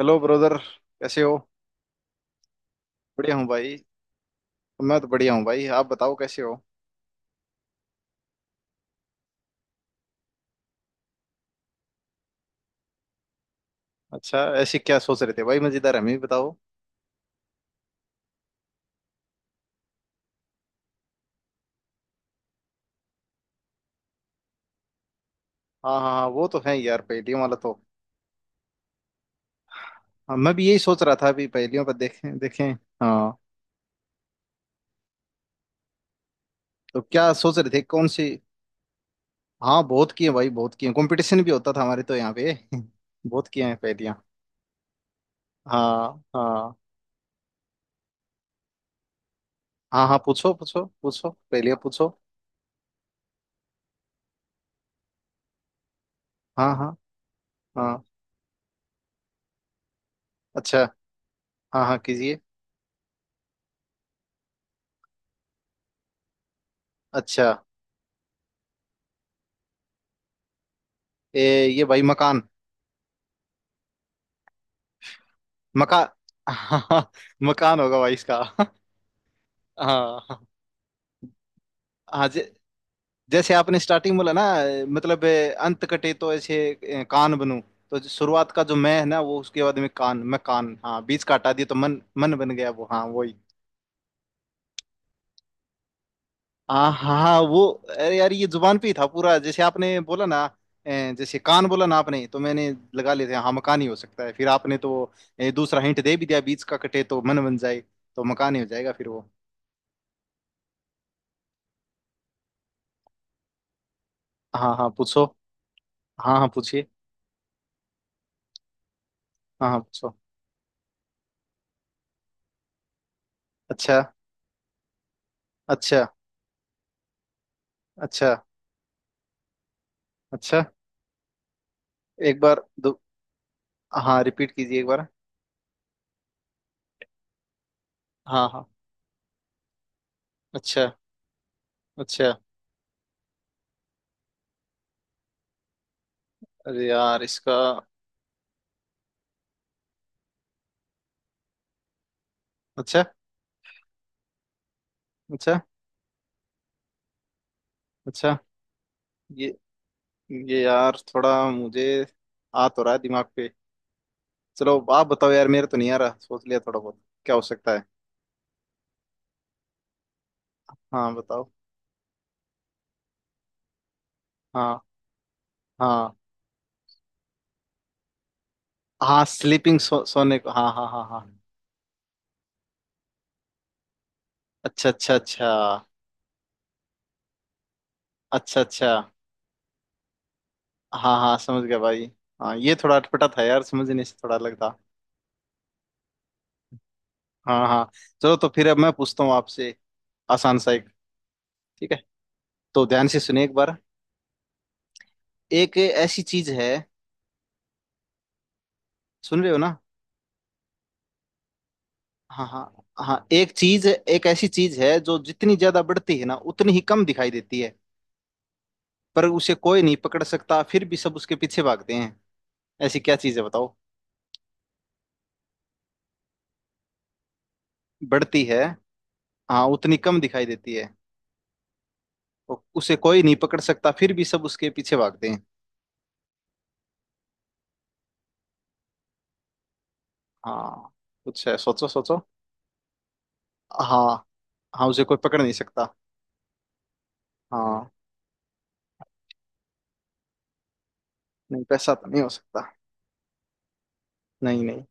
Hello brother. कैसे हो। बढ़िया हूँ भाई। मैं तो बढ़िया हूँ भाई, आप बताओ कैसे हो। अच्छा, ऐसे क्या सोच रहे थे भाई मजेदार, हमें भी बताओ। हाँ हाँ हाँ, वो तो है यार, पहेलियों वाला तो। हाँ, मैं भी यही सोच रहा था अभी, पहेलियों पर देखें देखें। हाँ। तो क्या सोच रहे थे, कौन सी। हाँ बहुत किए भाई, बहुत किए, कंपटीशन भी होता था हमारे तो यहाँ पे बहुत किए हैं पहेलियाँ। हाँ हाँ। हाँ हाँ, पूछो पूछो पूछो, पहेलियाँ पूछो। हाँ हाँ। हाँ। अच्छा। हाँ हाँ कीजिए। अच्छा। ए, ये भाई मकान। मका हाँ, मकान होगा भाई इसका हाँ। हाँ, जैसे आपने स्टार्टिंग बोला ना। मतलब अंत कटे तो ऐसे कान बनूं। तो जो शुरुआत का जो मैं है ना, वो उसके बाद में कान, मैं कान, हाँ, बीच का हटा दिया तो मन, मन बन गया वो, हाँ वही। हाँ हाँ हाँ, वो। अरे यार ये जुबान पे ही था पूरा, जैसे आपने बोला ना। जैसे कान बोला ना आपने, तो मैंने लगा लेते हैं हाँ मकान ही हो सकता है। फिर आपने तो दूसरा हिंट दे भी दिया, बीच का कटे तो मन बन जाए, तो मकान ही हो जाएगा फिर वो। हाँ हाँ पूछो। हाँ हाँ पूछिए। हाँ हाँ पूछो। अच्छा अच्छा अच्छा अच्छा। एक बार दो। हाँ रिपीट कीजिए एक बार। हाँ हाँ। अच्छा अच्छा। अरे यार इसका। अच्छा अच्छा अच्छा। ये ये यार थोड़ा मुझे, आ तो रहा है दिमाग पे। चलो आप बताओ यार, मेरा तो नहीं आ रहा, सोच लिया थोड़ा बहुत क्या हो सकता है। हाँ बताओ। हाँ हाँ हाँ स्लीपिंग, सोने को, हाँ हाँ हाँ हाँ। अच्छा अच्छा अच्छा अच्छा अच्छा। हाँ हाँ समझ गया भाई। हाँ, ये थोड़ा अटपटा था यार, समझने से थोड़ा अलग था। हाँ हाँ। चलो तो फिर अब मैं पूछता हूँ आपसे। आसान सा एक। ठीक है, तो ध्यान से सुनिए एक बार। एक ऐसी चीज है। सुन रहे हो ना। हाँ हाँ हाँ, एक चीज, एक ऐसी चीज है जो जितनी ज्यादा बढ़ती है ना, उतनी ही कम दिखाई देती है। पर उसे कोई नहीं पकड़ सकता, फिर भी सब उसके पीछे भागते हैं। ऐसी क्या चीज है बताओ। बढ़ती है। हाँ उतनी कम दिखाई देती है। उसे कोई नहीं पकड़ सकता, फिर भी सब उसके पीछे भागते हैं। हाँ कुछ है, सोचो सोचो। हाँ। हाँ उसे कोई पकड़ नहीं सकता। हाँ। नहीं पैसा तो नहीं हो सकता। नहीं नहीं।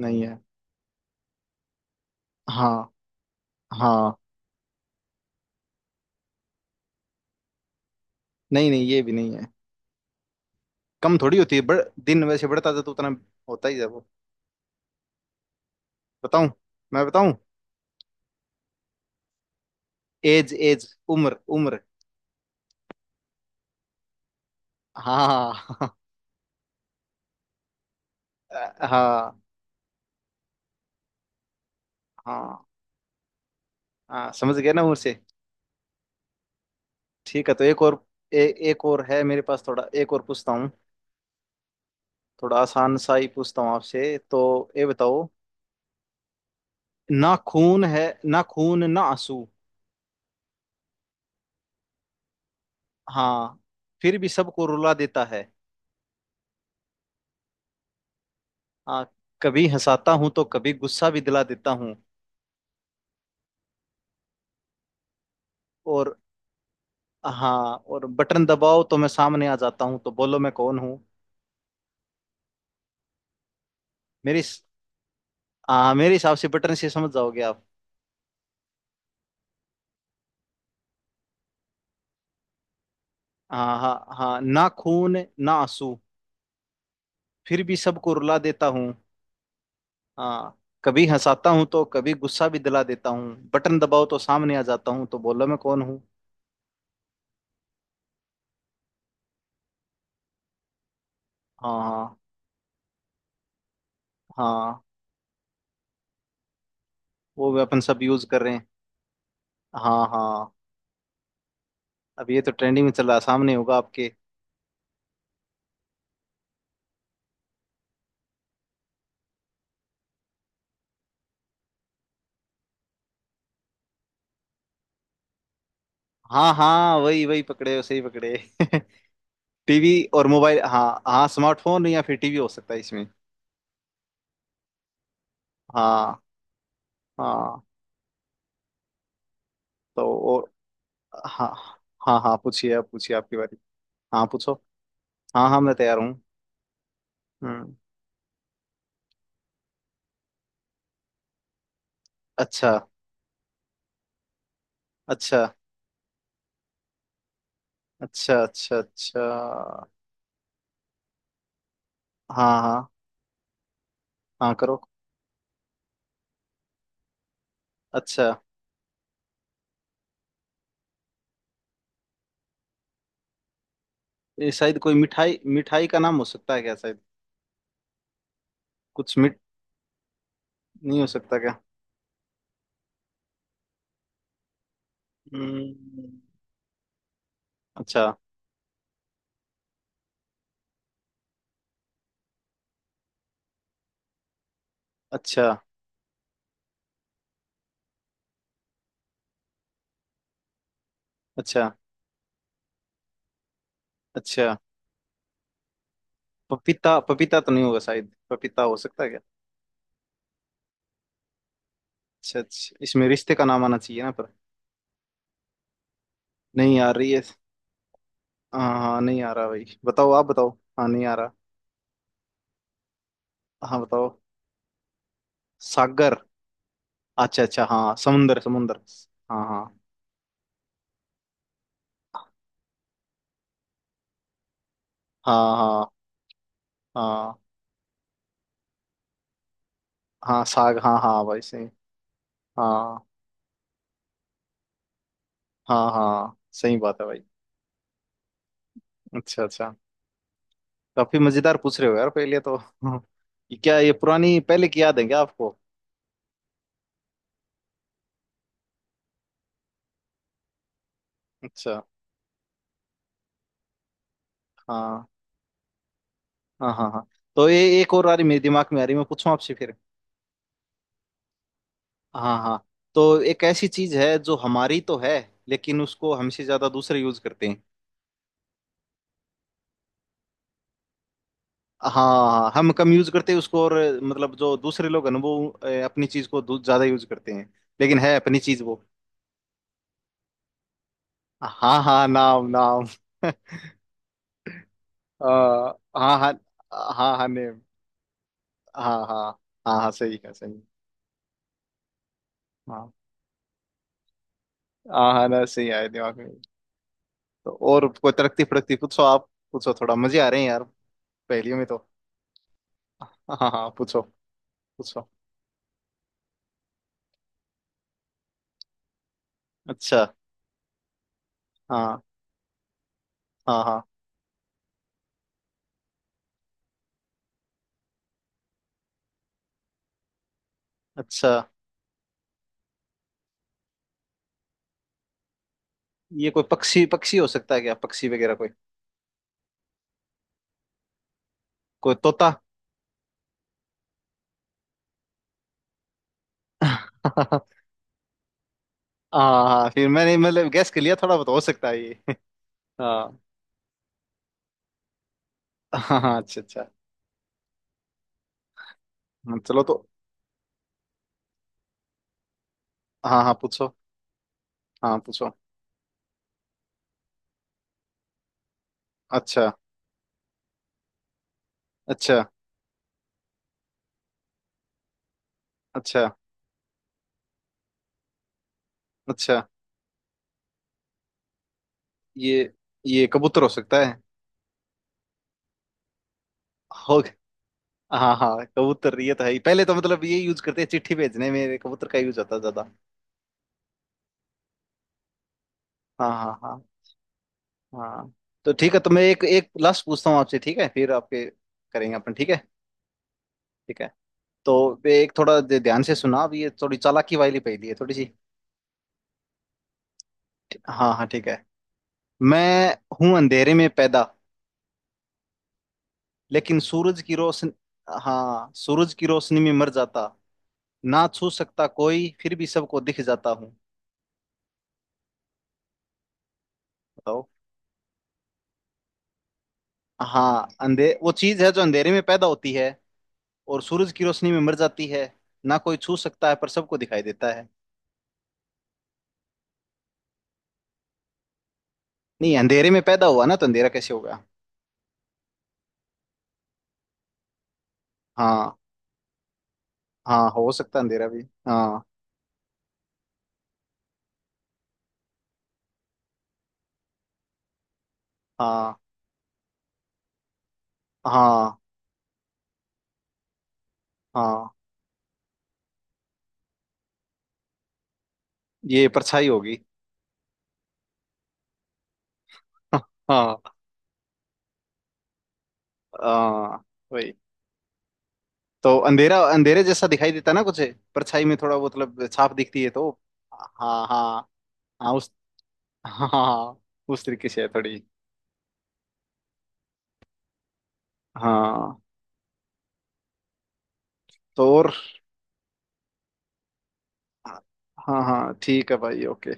नहीं है। हाँ हाँ। नहीं नहीं, ये भी नहीं है। कम थोड़ी होती है, बढ़ दिन वैसे बढ़ता जाता तो उतना होता ही है वो। बताऊं मैं बताऊं। As as. उम्र उम्र। हाँ हाँ हाँ। हाँ, हाँ समझ गया ना उम्र से। ठीक है तो एक और। ए, एक और है मेरे पास, थोड़ा एक और पूछता हूँ। थोड़ा आसान सा ही पूछता हूँ आपसे तो। ये बताओ। ना खून है, ना खून ना आंसू। हाँ। फिर भी सबको रुला देता है। हाँ। कभी हंसाता हूँ तो कभी गुस्सा भी दिला देता हूँ। और। हाँ। और बटन दबाओ तो मैं सामने आ जाता हूँ, तो बोलो मैं कौन हूँ। मेरी। हाँ मेरे हिसाब से बटन से समझ जाओगे आप। हाँ हाँ हाँ, ना खून ना आंसू, फिर भी सबको रुला देता हूँ। हाँ। कभी हंसाता हूँ तो कभी गुस्सा भी दिला देता हूँ, बटन दबाओ तो सामने आ जाता हूँ, तो बोलो मैं कौन हूँ। हाँ हाँ। हाँ, वो भी अपन सब यूज कर रहे हैं। हाँ हाँ। अब ये तो ट्रेंडिंग में चल रहा है, सामने होगा आपके। हाँ हाँ, वही वही पकड़े हो, सही पकड़े टीवी और मोबाइल, हाँ हाँ स्मार्टफोन या फिर टीवी हो सकता है इसमें। हाँ हाँ। तो और। हाँ। हाँ हाँ पूछिए, आप पूछिए, आपकी बारी। हाँ पूछो। हाँ हाँ मैं तैयार हूँ। हम्म। अच्छा अच्छा अच्छा अच्छा अच्छा। हाँ हाँ हाँ करो। अच्छा। ये शायद कोई मिठाई, मिठाई का नाम हो सकता है क्या, शायद कुछ मिठ नहीं हो सकता क्या। हम्म। अच्छा अच्छा अच्छा अच्छा। पपीता, पपीता तो नहीं होगा शायद, पपीता हो सकता है क्या। अच्छा अच्छा, इसमें रिश्ते का नाम आना चाहिए ना पर नहीं आ रही है। हाँ हाँ नहीं आ रहा भाई, बताओ आप बताओ। हाँ नहीं आ रहा। हाँ बताओ। सागर। अच्छा अच्छा हाँ, समुंदर समुंदर। हाँ हाँ। हाँ हाँ। हाँ। हाँ साग, हाँ हाँ भाई सही। हाँ। हाँ हाँ सही बात है भाई। अच्छा अच्छा। काफी मजेदार पूछ रहे हो यार पहले तो, हाँ, ये क्या, ये पुरानी पहले की याद है क्या आपको। अच्छा। हाँ हाँ हाँ हाँ। तो ये एक और आ रही, मेरे दिमाग में आ रही, मैं पूछूं आपसे फिर। हाँ हाँ। तो एक ऐसी चीज है जो हमारी तो है, लेकिन उसको हमसे ज्यादा दूसरे यूज करते हैं। हाँ हम कम यूज करते हैं उसको और, मतलब जो दूसरे लोग हैं ना, वो अपनी चीज को ज्यादा यूज करते हैं, लेकिन है अपनी चीज वो। हाँ हाँ नाम नाम अ, हाँ हाँ। हाँ हाँ नेम। हाँ हाँ। हाँ हाँ सही है सही है। हाँ। हाँ हाँ ना सही आए दिमाग में। तो और कोई तरक्की फड़कती पूछो, आप पूछो, थोड़ा मजे आ रहे हैं यार पहेलियों में तो। हाँ हाँ हाँ, पूछो। पूछो। अच्छा। हाँ हाँ हाँ। अच्छा। ये कोई पक्षी, पक्षी हो सकता है क्या, पक्षी वगैरह कोई, कोई तोता हाँ हाँ, फिर मैंने मतलब गैस कर लिया थोड़ा बहुत, हो सकता है ये हाँ हाँ हाँ, अच्छा अच्छा। चलो तो। हाँ हाँ पूछो। हाँ पूछो। अच्छा अच्छा अच्छा अच्छा। ये ये कबूतर हो सकता है। हो गया। हाँ हाँ कबूतर, ये तो है ही। पहले तो मतलब ये यूज करते हैं, चिट्ठी भेजने में कबूतर का यूज होता है ज्यादा। हाँ हाँ हाँ। हाँ। तो ठीक है, तो मैं एक, एक लास्ट पूछता हूँ आपसे, ठीक है, फिर आपके करेंगे अपन, ठीक है। ठीक है। तो ये एक थोड़ा ध्यान से सुना अब, ये थोड़ी चालाकी वाली पहेली है थोड़ी सी। हाँ हाँ ठीक है। मैं हूं अंधेरे में पैदा, लेकिन सूरज की रोशन हाँ सूरज की रोशनी में मर जाता, ना छू सकता कोई, फिर भी सबको दिख जाता हूँ। बताओ। हाँ, अंधे वो चीज है जो अंधेरे में पैदा होती है, और सूरज की रोशनी में मर जाती है। ना कोई छू सकता है पर सबको दिखाई देता है। नहीं, अंधेरे में पैदा हुआ ना, तो अंधेरा कैसे होगा। हाँ। हाँ हो सकता है अंधेरा भी। हाँ हाँ हाँ हाँ। ये परछाई होगी हाँ हाँ। वही, तो अंधेरा अंधेरे जैसा दिखाई देता ना कुछ, परछाई में थोड़ा वो मतलब छाप दिखती है तो। हाँ हाँ हाँ उस, हाँ हाँ उस तरीके से है थोड़ी। हाँ। तो और। हाँ हाँ ठीक है भाई, ओके।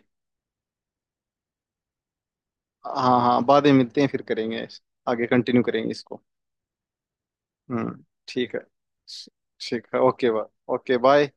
हाँ हाँ बाद में मिलते हैं, फिर करेंगे, आगे कंटिन्यू करेंगे इसको। ठीक है। ठीक है ओके बाय। Okay bye.